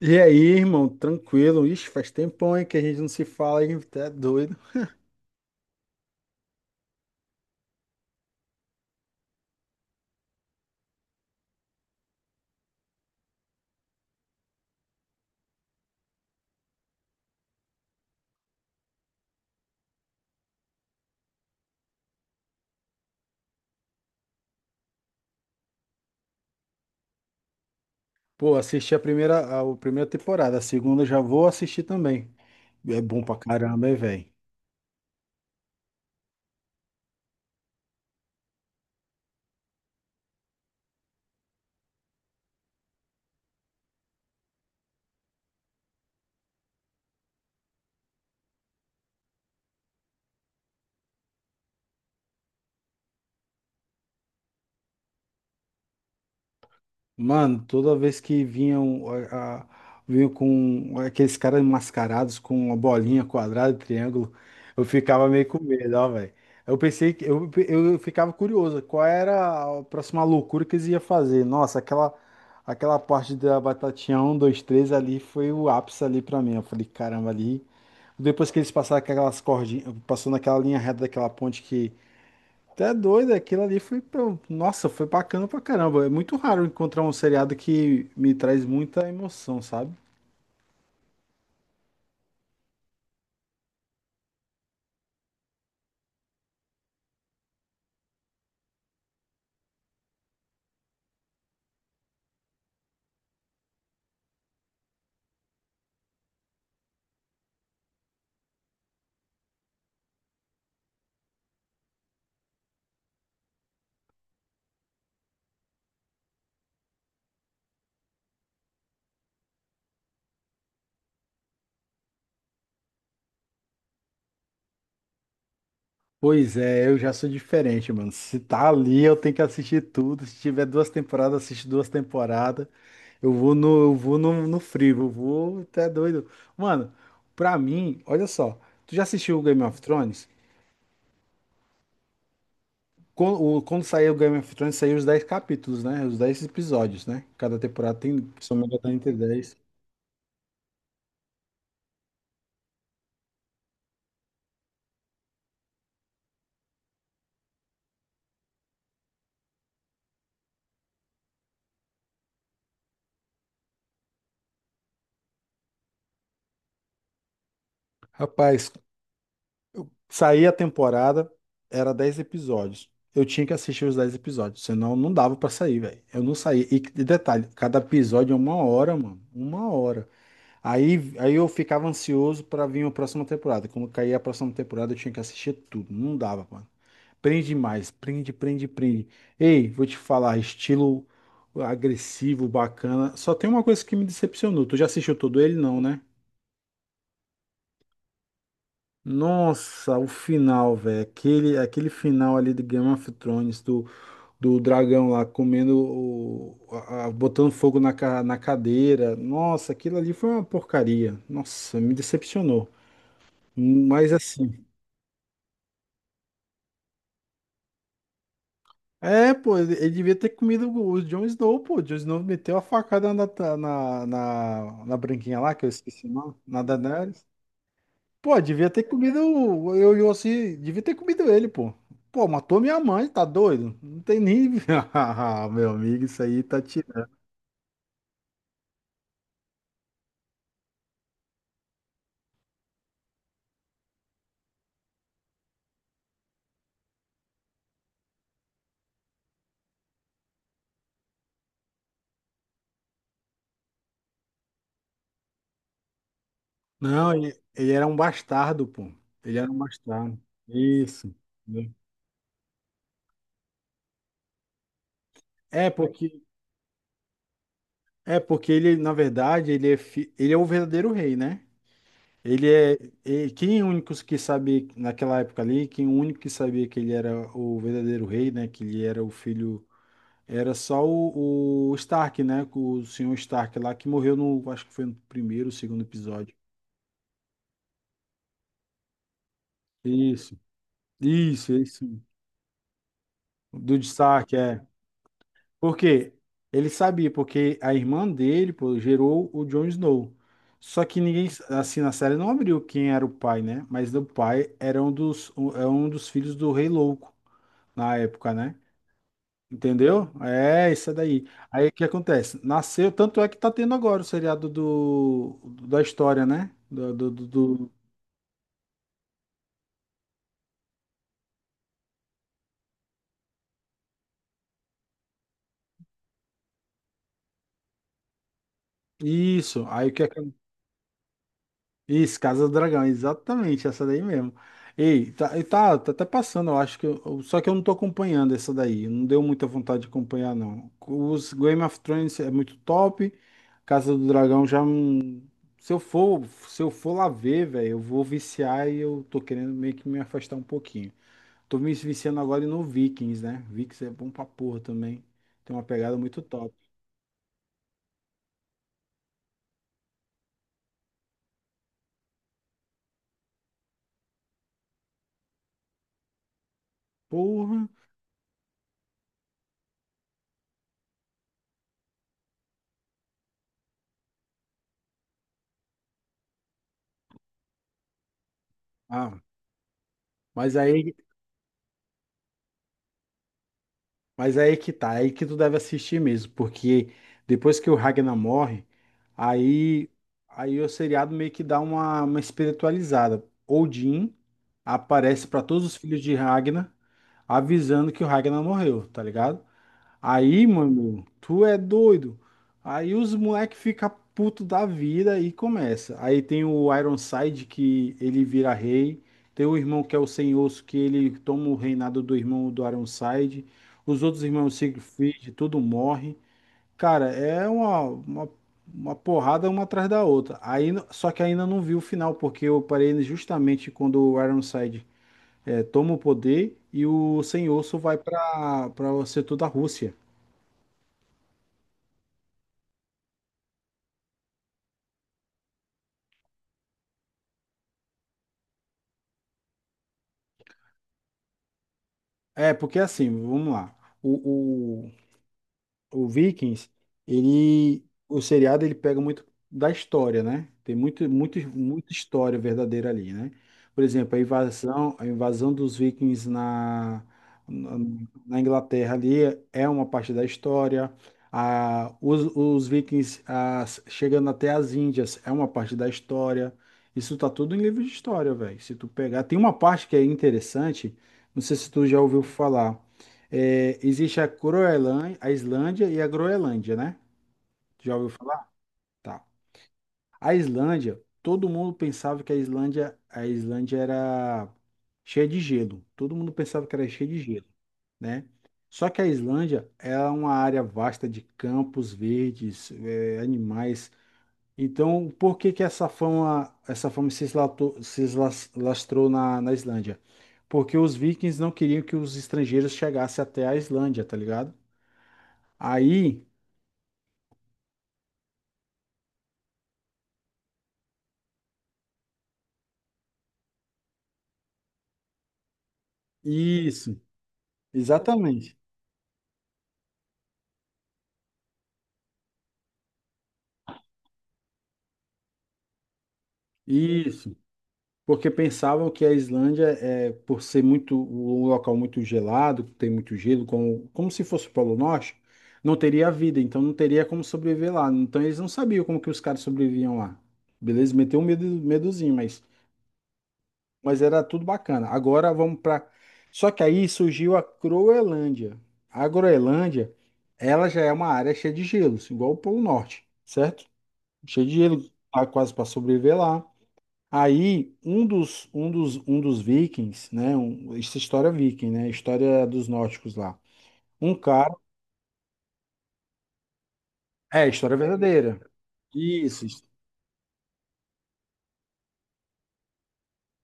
E aí, irmão, tranquilo? Ixi, faz tempão, hein, que a gente não se fala, hein? Tá doido. Pô, assisti a primeira, a primeira temporada, a segunda eu já vou assistir também. É bom pra caramba, hein, velho? Mano, toda vez que vinham, a, a- vinham com aqueles caras mascarados com uma bolinha, quadrado, triângulo, eu ficava meio com medo, ó, velho. Eu pensei que eu ficava curioso, qual era a próxima loucura que eles iam fazer? Nossa, aquela parte da batatinha um, 2, 3 ali foi o ápice ali pra mim. Eu falei, caramba, ali. Depois que eles passaram aquelas cordinhas, passou naquela linha reta daquela ponte até doido, aquilo ali foi. Nossa, foi bacana pra caramba. É muito raro encontrar um seriado que me traz muita emoção, sabe? Pois é, eu já sou diferente, mano. Se tá ali, eu tenho que assistir tudo. Se tiver duas temporadas, assisto duas temporadas. Eu vou no frio, eu vou até doido. Mano, pra mim, olha só. Tu já assistiu o Game of Thrones? Quando saiu o Game of Thrones, saiu os 10 capítulos, né? Os 10 episódios, né? Cada temporada tem, se eu não me engano, entre 10. Rapaz. Saía a temporada, era 10 episódios. Eu tinha que assistir os 10 episódios, senão não dava pra sair, velho. Eu não saía. E de detalhe, cada episódio é uma hora, mano. Uma hora. Aí eu ficava ansioso pra vir a próxima temporada. Quando caía a próxima temporada, eu tinha que assistir tudo. Não dava, mano. Prende mais, prende, prende, prende. Ei, vou te falar, estilo agressivo, bacana. Só tem uma coisa que me decepcionou. Tu já assistiu todo ele? Não, né? Nossa, o final, velho. Aquele final ali de Game of Thrones, do dragão lá comendo, botando fogo na cadeira. Nossa, aquilo ali foi uma porcaria. Nossa, me decepcionou. Mas assim. É, pô, ele devia ter comido o Jon Snow, pô. O Jon Snow meteu a facada na, ta- na, na, na branquinha lá, que eu esqueci o nome, na Daenerys. Pô, devia ter comido eu e Yossi, devia ter comido ele, pô. Pô, matou minha mãe, tá doido? Não tem nem. Ah, meu amigo, isso aí tá tirando. Não, ele era um bastardo, pô. Ele era um bastardo. Isso. Né? É porque, é porque ele, na verdade, ele é o verdadeiro rei, né? Ele é, e quem é o único que sabia naquela época ali, quem é o único que sabia que ele era o verdadeiro rei, né? Que ele era o filho. Era só o Stark, né? O senhor Stark lá que morreu no, acho que foi no primeiro, segundo episódio. Isso, isso, isso. Do destaque, é. Por quê? Ele sabia, porque a irmã dele, pô, gerou o Jon Snow. Só que ninguém, assim, na série não abriu quem era o pai, né? Mas o pai era um dos, um, é um dos filhos do Rei Louco, na época, né? Entendeu? É, isso é daí. Aí o que acontece? Nasceu, tanto é que tá tendo agora o seriado da história, né? Isso, aí o que é que. Isso, Casa do Dragão, exatamente, essa daí mesmo. Ei, tá, e tá, tá até passando, eu acho que. Só que eu não tô acompanhando essa daí, não deu muita vontade de acompanhar, não. Os Game of Thrones é muito top, Casa do Dragão já. Se eu for lá ver, velho, eu vou viciar e eu tô querendo meio que me afastar um pouquinho. Tô me viciando agora no Vikings, né? Vikings é bom pra porra também. Tem uma pegada muito top. Porra. Ah, mas aí, mas aí que tá, aí que tu deve assistir mesmo, porque depois que o Ragnar morre, aí aí o seriado meio que dá uma espiritualizada. Odin aparece pra todos os filhos de Ragnar avisando que o Ragnar morreu, tá ligado? Aí, mano, tu é doido. Aí os moleque fica puto da vida e começa. Aí tem o Ironside que ele vira rei. Tem o irmão que é o Sem Osso que ele toma o reinado do irmão do Ironside. Os outros irmãos Siegfried, tudo morre. Cara, é uma porrada uma atrás da outra. Aí, só que ainda não vi o final, porque eu parei justamente quando o Ironside toma o poder e o Sem Osso vai para o setor da Rússia. É, porque assim, vamos lá. O, o, o Vikings, ele, o seriado, ele pega muito da história, né? Tem muito, muito, muita história verdadeira ali, né? Por exemplo, a invasão dos Vikings na, na Inglaterra ali é uma parte da história. Os Vikings chegando até as Índias é uma parte da história. Isso tá tudo em livro de história, velho. Se tu pegar, tem uma parte que é interessante, não sei se tu já ouviu falar. É, existe a Groenlândia, a Islândia e a Groenlândia, né? Já ouviu falar? Tá. A Islândia, todo mundo pensava que a Islândia era cheia de gelo. Todo mundo pensava que era cheia de gelo, né? Só que a Islândia é uma área vasta de campos verdes, animais. Então, por que que essa fama se lastrou na Islândia? Porque os vikings não queriam que os estrangeiros chegassem até a Islândia, tá ligado? Aí. Isso, exatamente. Isso. Porque pensavam que a Islândia, por ser muito um local muito gelado, que tem muito gelo, como se fosse o Polo Norte, não teria vida, então não teria como sobreviver lá. Então eles não sabiam como que os caras sobreviviam lá. Beleza? Meteu um medo, medozinho, mas era tudo bacana. Agora vamos para. Só que aí surgiu a Groenlândia. A Groenlândia, ela já é uma área cheia de gelos, igual o Polo Norte, certo? Cheio de gelo, tá quase para sobreviver lá. Aí um dos vikings, né? Isso é história viking, né? História dos nórdicos lá. Um cara, é história verdadeira. Isso, isso,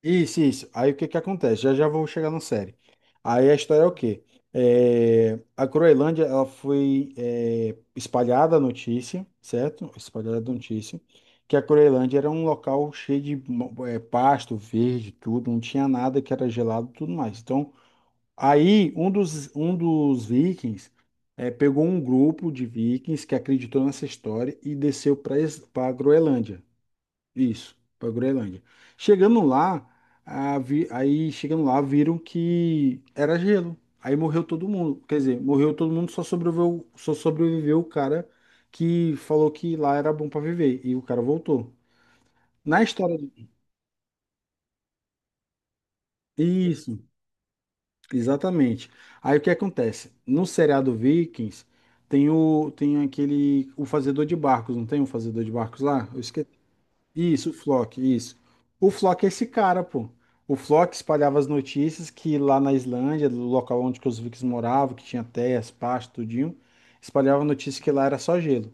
isso. Isso. Aí o que que acontece? Já já vou chegar na série. Aí a história é o quê? É, a Groenlândia ela foi espalhada a notícia, certo? Espalhada a notícia que a Groenlândia era um local cheio de pasto verde, tudo, não tinha nada que era gelado, e tudo mais. Então. Aí um dos vikings pegou um grupo de vikings que acreditou nessa história e desceu para a Groenlândia. Isso, para a Groenlândia. Chegando lá, aí chegando lá viram que era gelo. Aí morreu todo mundo. Quer dizer, morreu todo mundo, só sobreviveu o cara que falou que lá era bom para viver. E o cara voltou. Na história. Isso. Exatamente. Aí o que acontece? No seriado Vikings tem o tem aquele o fazedor de barcos, não tem um fazedor de barcos lá? Eu esqueci. Isso. O Flock é esse cara, pô. O Flock espalhava as notícias que lá na Islândia, do local onde que os Vikings moravam, que tinha terras, pasto, tudinho, espalhava a notícia que lá era só gelo.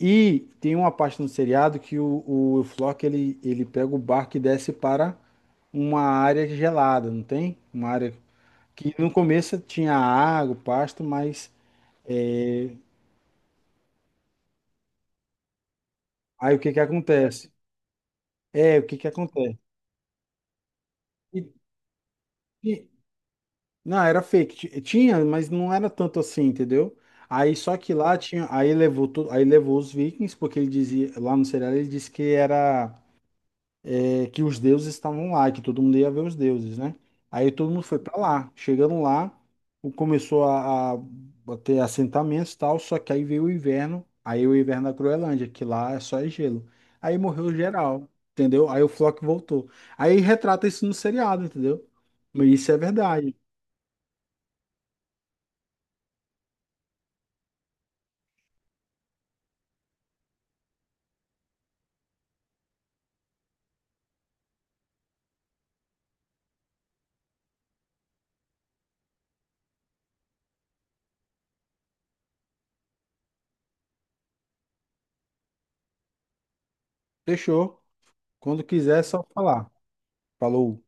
E tem uma parte no seriado que o Flock ele pega o barco e desce para uma área gelada, não tem? Uma área que no começo tinha água, pasto, mas é, aí o que que acontece? É, o que que acontece? E- e- não, era fake. Tinha, mas não era tanto assim, entendeu? Aí só que lá tinha, aí levou tudo, aí levou os vikings, porque ele dizia, lá no serial ele disse que era que os deuses estavam lá, que todo mundo ia ver os deuses, né? Aí todo mundo foi para lá. Chegando lá, começou a ter assentamentos e tal, só que aí veio o inverno, aí o inverno da Groenlândia, que lá é só é gelo. Aí morreu geral, entendeu? Aí o Flock voltou. Aí retrata isso no seriado, entendeu? Mas isso é verdade. Fechou. Quando quiser, é só falar. Falou.